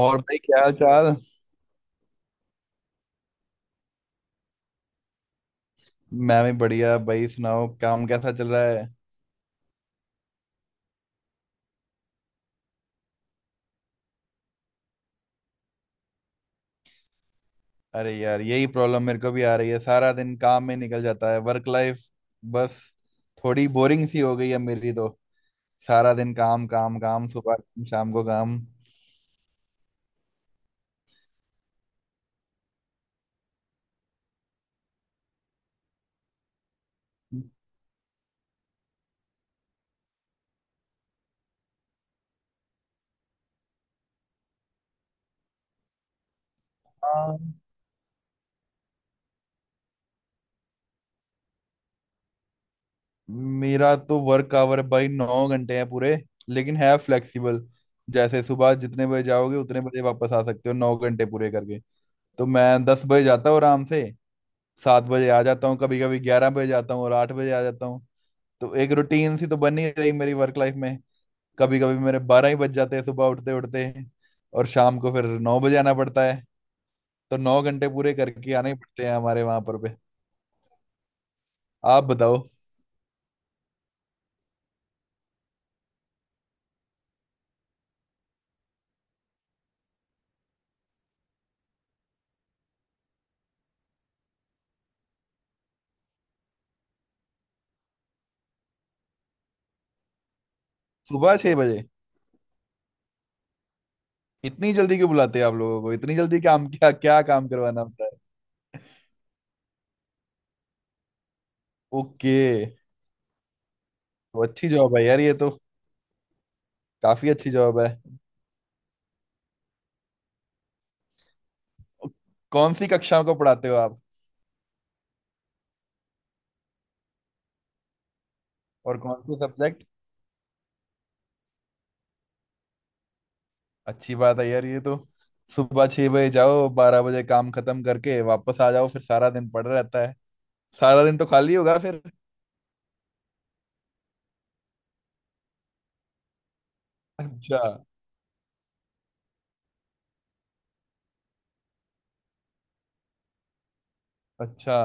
और भाई, क्या हाल चाल? मैं भी बढ़िया भाई। सुनाओ, काम कैसा चल रहा है? अरे यार, यही प्रॉब्लम मेरे को भी आ रही है। सारा दिन काम में निकल जाता है। वर्क लाइफ बस थोड़ी बोरिंग सी हो गई है मेरी तो। सारा दिन काम काम काम, सुबह काम, शाम को काम। हाँ, मेरा तो वर्क आवर भाई 9 घंटे हैं पूरे। लेकिन है फ्लेक्सिबल। जैसे सुबह जितने बजे जाओगे उतने बजे वापस आ सकते हो 9 घंटे पूरे करके। तो मैं 10 बजे जाता हूँ आराम से। 7 बजे आ जाता हूँ। कभी कभी 11 बजे जाता हूँ और 8 बजे आ जाता हूँ। तो एक रूटीन सी तो बन ही रही मेरी वर्क लाइफ में। कभी कभी मेरे 12 ही बज जाते हैं सुबह उठते उठते। और शाम को फिर 9 बजे आना पड़ता है। तो 9 घंटे पूरे करके आने ही पड़ते हैं हमारे वहां पर पे। आप बताओ। सुबह 6 बजे इतनी जल्दी क्यों बुलाते हैं आप लोगों को? इतनी जल्दी काम, क्या क्या काम करवाना होता है? ओके। तो अच्छी जॉब है यार ये तो। काफी अच्छी जॉब है। कौन सी कक्षाओं को पढ़ाते हो आप? और कौन से सब्जेक्ट? अच्छी बात है यार ये तो। सुबह 6 बजे जाओ, 12 बजे काम खत्म करके वापस आ जाओ, फिर सारा दिन पड़ा रहता है। सारा दिन तो खाली होगा फिर। अच्छा। अच्छा।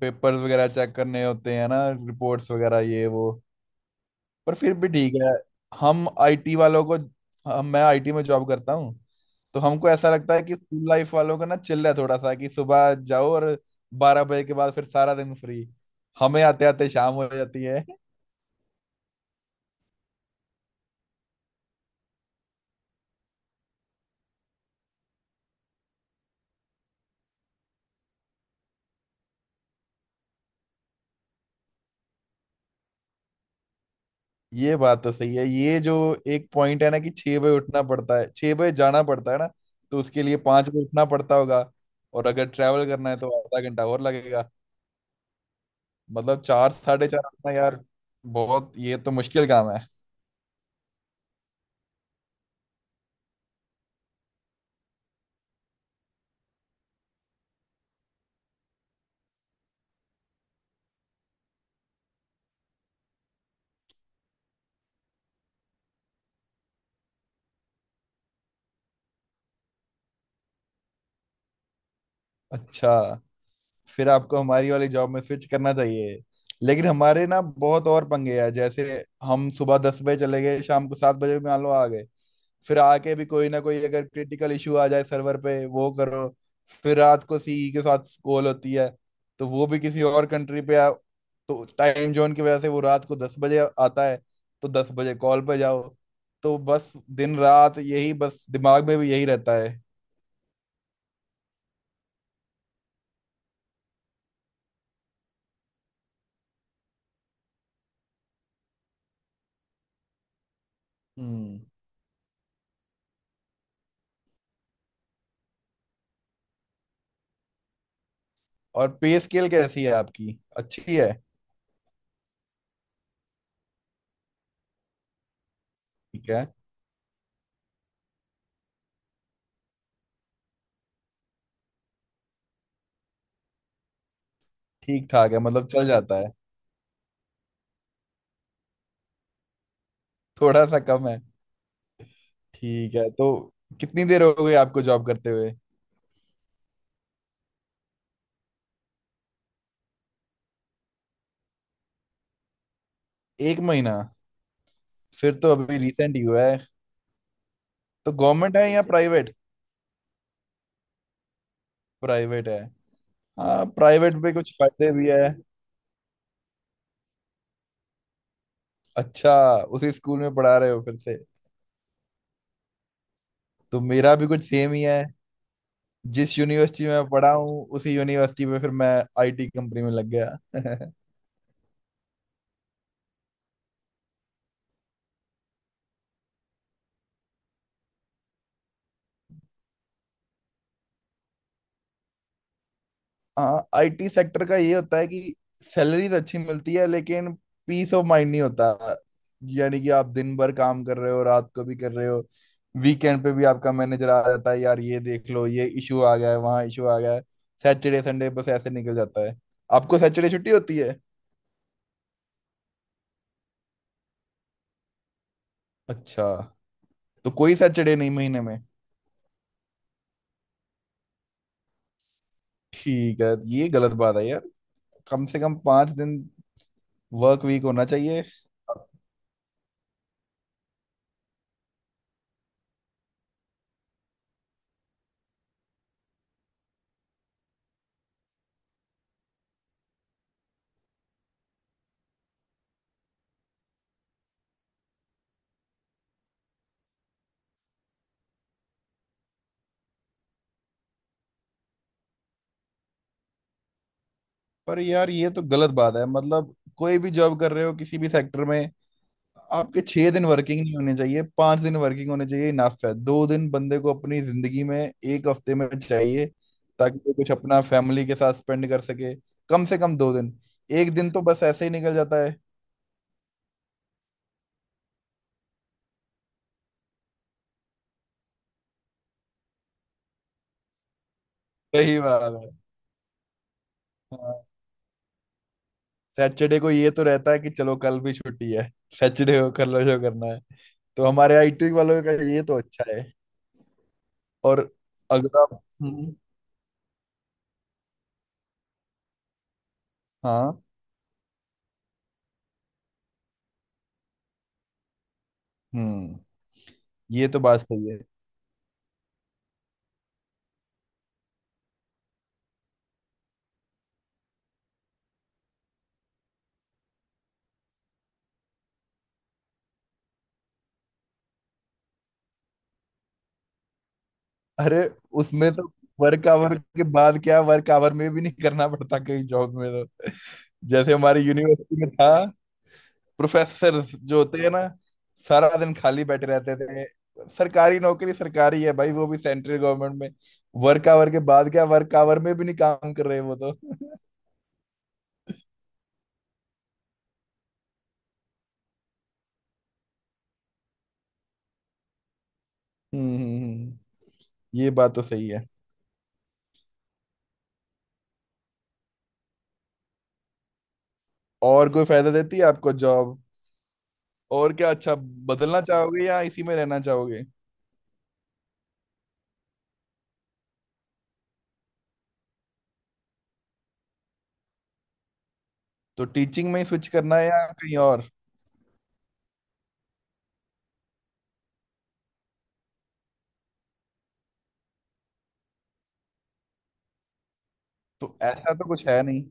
पेपर्स वगैरह चेक करने होते हैं ना, रिपोर्ट्स वगैरह ये वो। पर फिर भी ठीक है। हम आईटी वालों को। हम मैं आईटी में जॉब करता हूँ। तो हमको ऐसा लगता है कि स्कूल लाइफ वालों का ना चिल है थोड़ा सा, कि सुबह जाओ और 12 बजे के बाद फिर सारा दिन फ्री। हमें आते आते शाम हो जाती है। ये बात तो सही है। ये जो एक पॉइंट है ना, कि 6 बजे उठना पड़ता है, 6 बजे जाना पड़ता है ना। तो उसके लिए 5 बजे उठना पड़ता होगा। और अगर ट्रैवल करना है तो आधा घंटा और लगेगा। मतलब 4, साढ़े 4 उठना यार। बहुत ये तो मुश्किल काम है। अच्छा। फिर आपको हमारी वाली जॉब में स्विच करना चाहिए। लेकिन हमारे ना बहुत और पंगे हैं। जैसे हम सुबह 10 बजे चले गए, शाम को 7 बजे मान लो आ गए। फिर आके भी कोई ना कोई अगर क्रिटिकल इशू आ जाए सर्वर पे, वो करो। फिर रात को सीई के साथ कॉल होती है। तो वो भी किसी और कंट्री पे आ। तो टाइम जोन की वजह से वो रात को 10 बजे आता है। तो 10 बजे कॉल पे जाओ। तो बस दिन रात यही, बस दिमाग में भी यही रहता है। हम्म। और पे स्केल कैसी है आपकी? अच्छी है? ठीक है। ठीक ठाक है मतलब चल जाता है। थोड़ा सा कम है। ठीक है। तो कितनी देर हो गई आपको जॉब करते हुए? एक महीना? फिर तो अभी रिसेंट ही हुआ है। तो गवर्नमेंट है या प्राइवेट? प्राइवेट है। हाँ, प्राइवेट में कुछ फायदे भी है। अच्छा। उसी स्कूल में पढ़ा रहे हो फिर से? तो मेरा भी कुछ सेम ही है। जिस यूनिवर्सिटी में मैं पढ़ा हूँ उसी यूनिवर्सिटी में फिर मैं आईटी कंपनी में लग गया हाँ, आईटी सेक्टर का ये होता है कि सैलरी तो अच्छी मिलती है लेकिन पीस ऑफ माइंड नहीं होता। यानी कि आप दिन भर काम कर रहे हो, रात को भी कर रहे हो। वीकेंड पे भी आपका मैनेजर आ जाता है, यार ये देख लो ये इशू आ गया है, वहाँ इशू आ गया है। सैटरडे संडे बस ऐसे निकल जाता है। आपको सैटरडे छुट्टी होती है? अच्छा। तो कोई सैटरडे नहीं महीने में? ठीक है। ये गलत बात है यार। कम से कम 5 दिन वर्क वीक होना चाहिए। पर यार ये तो गलत बात है, मतलब कोई भी जॉब कर रहे हो किसी भी सेक्टर में, आपके 6 दिन वर्किंग नहीं होने चाहिए, 5 दिन वर्किंग होने चाहिए, इनफ है। 2 दिन बंदे को अपनी जिंदगी में एक हफ्ते में चाहिए, ताकि वो कुछ अपना फैमिली के साथ स्पेंड कर सके। कम से कम 2 दिन। एक दिन तो बस ऐसे ही निकल जाता है। सही बात है। हाँ। सैटरडे को ये तो रहता है कि चलो कल भी छुट्टी है। सैटरडे को कल शो करना है। तो हमारे आईटी वालों का ये तो अच्छा है। और अगर आप। हम्म। हाँ। हम्म। ये तो बात सही है। अरे, उसमें तो वर्क आवर के बाद क्या, वर्क आवर में भी नहीं करना पड़ता कहीं जॉब में तो जैसे हमारी यूनिवर्सिटी में था। प्रोफेसर जो होते हैं ना, सारा दिन खाली बैठे रहते थे। सरकारी नौकरी सरकारी है भाई, वो भी सेंट्रल गवर्नमेंट में। वर्क आवर के बाद क्या, वर्क आवर में भी नहीं काम कर रहे वो तो। हम्म। हम्म, हम्म। ये बात तो सही है। और कोई फायदा देती है आपको जॉब? और क्या अच्छा, बदलना चाहोगे या इसी में रहना चाहोगे? तो टीचिंग में ही स्विच करना है या कहीं और? तो ऐसा तो कुछ है नहीं।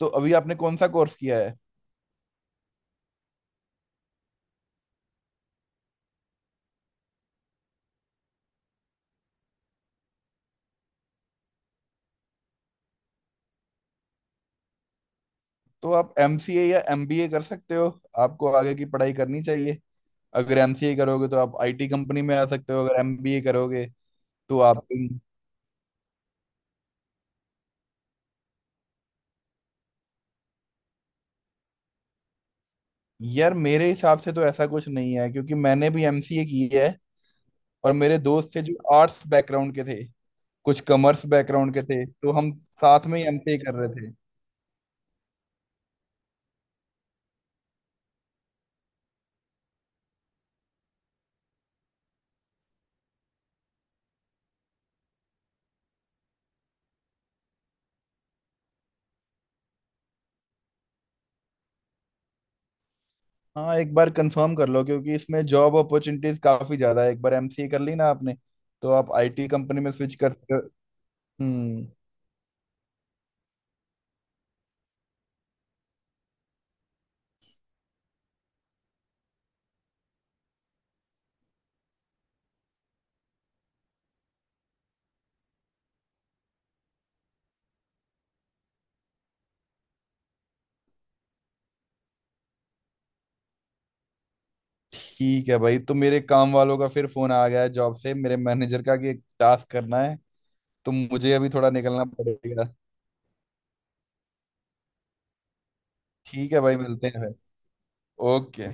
तो अभी आपने कौन सा कोर्स किया है? तो आप एमसीए या एमबीए कर सकते हो। आपको आगे की पढ़ाई करनी चाहिए। अगर एमसीए करोगे तो आप आईटी कंपनी में आ सकते हो, अगर एमबीए करोगे तो आप यार मेरे हिसाब से तो ऐसा कुछ नहीं है, क्योंकि मैंने भी एमसीए की है। और मेरे दोस्त थे जो आर्ट्स बैकग्राउंड के थे, कुछ कॉमर्स बैकग्राउंड के थे। तो हम साथ में ही एमसीए कर रहे थे। हाँ, एक बार कंफर्म कर लो क्योंकि इसमें जॉब अपॉर्चुनिटीज काफी ज्यादा है। एक बार एमसीए कर ली ना आपने, तो आप आईटी कंपनी में स्विच कर कर- हम्म। ठीक है भाई, तो मेरे काम वालों का फिर फोन आ गया है जॉब से, मेरे मैनेजर का, कि एक टास्क करना है। तो मुझे अभी थोड़ा निकलना पड़ेगा। ठीक है भाई, मिलते हैं फिर। ओके।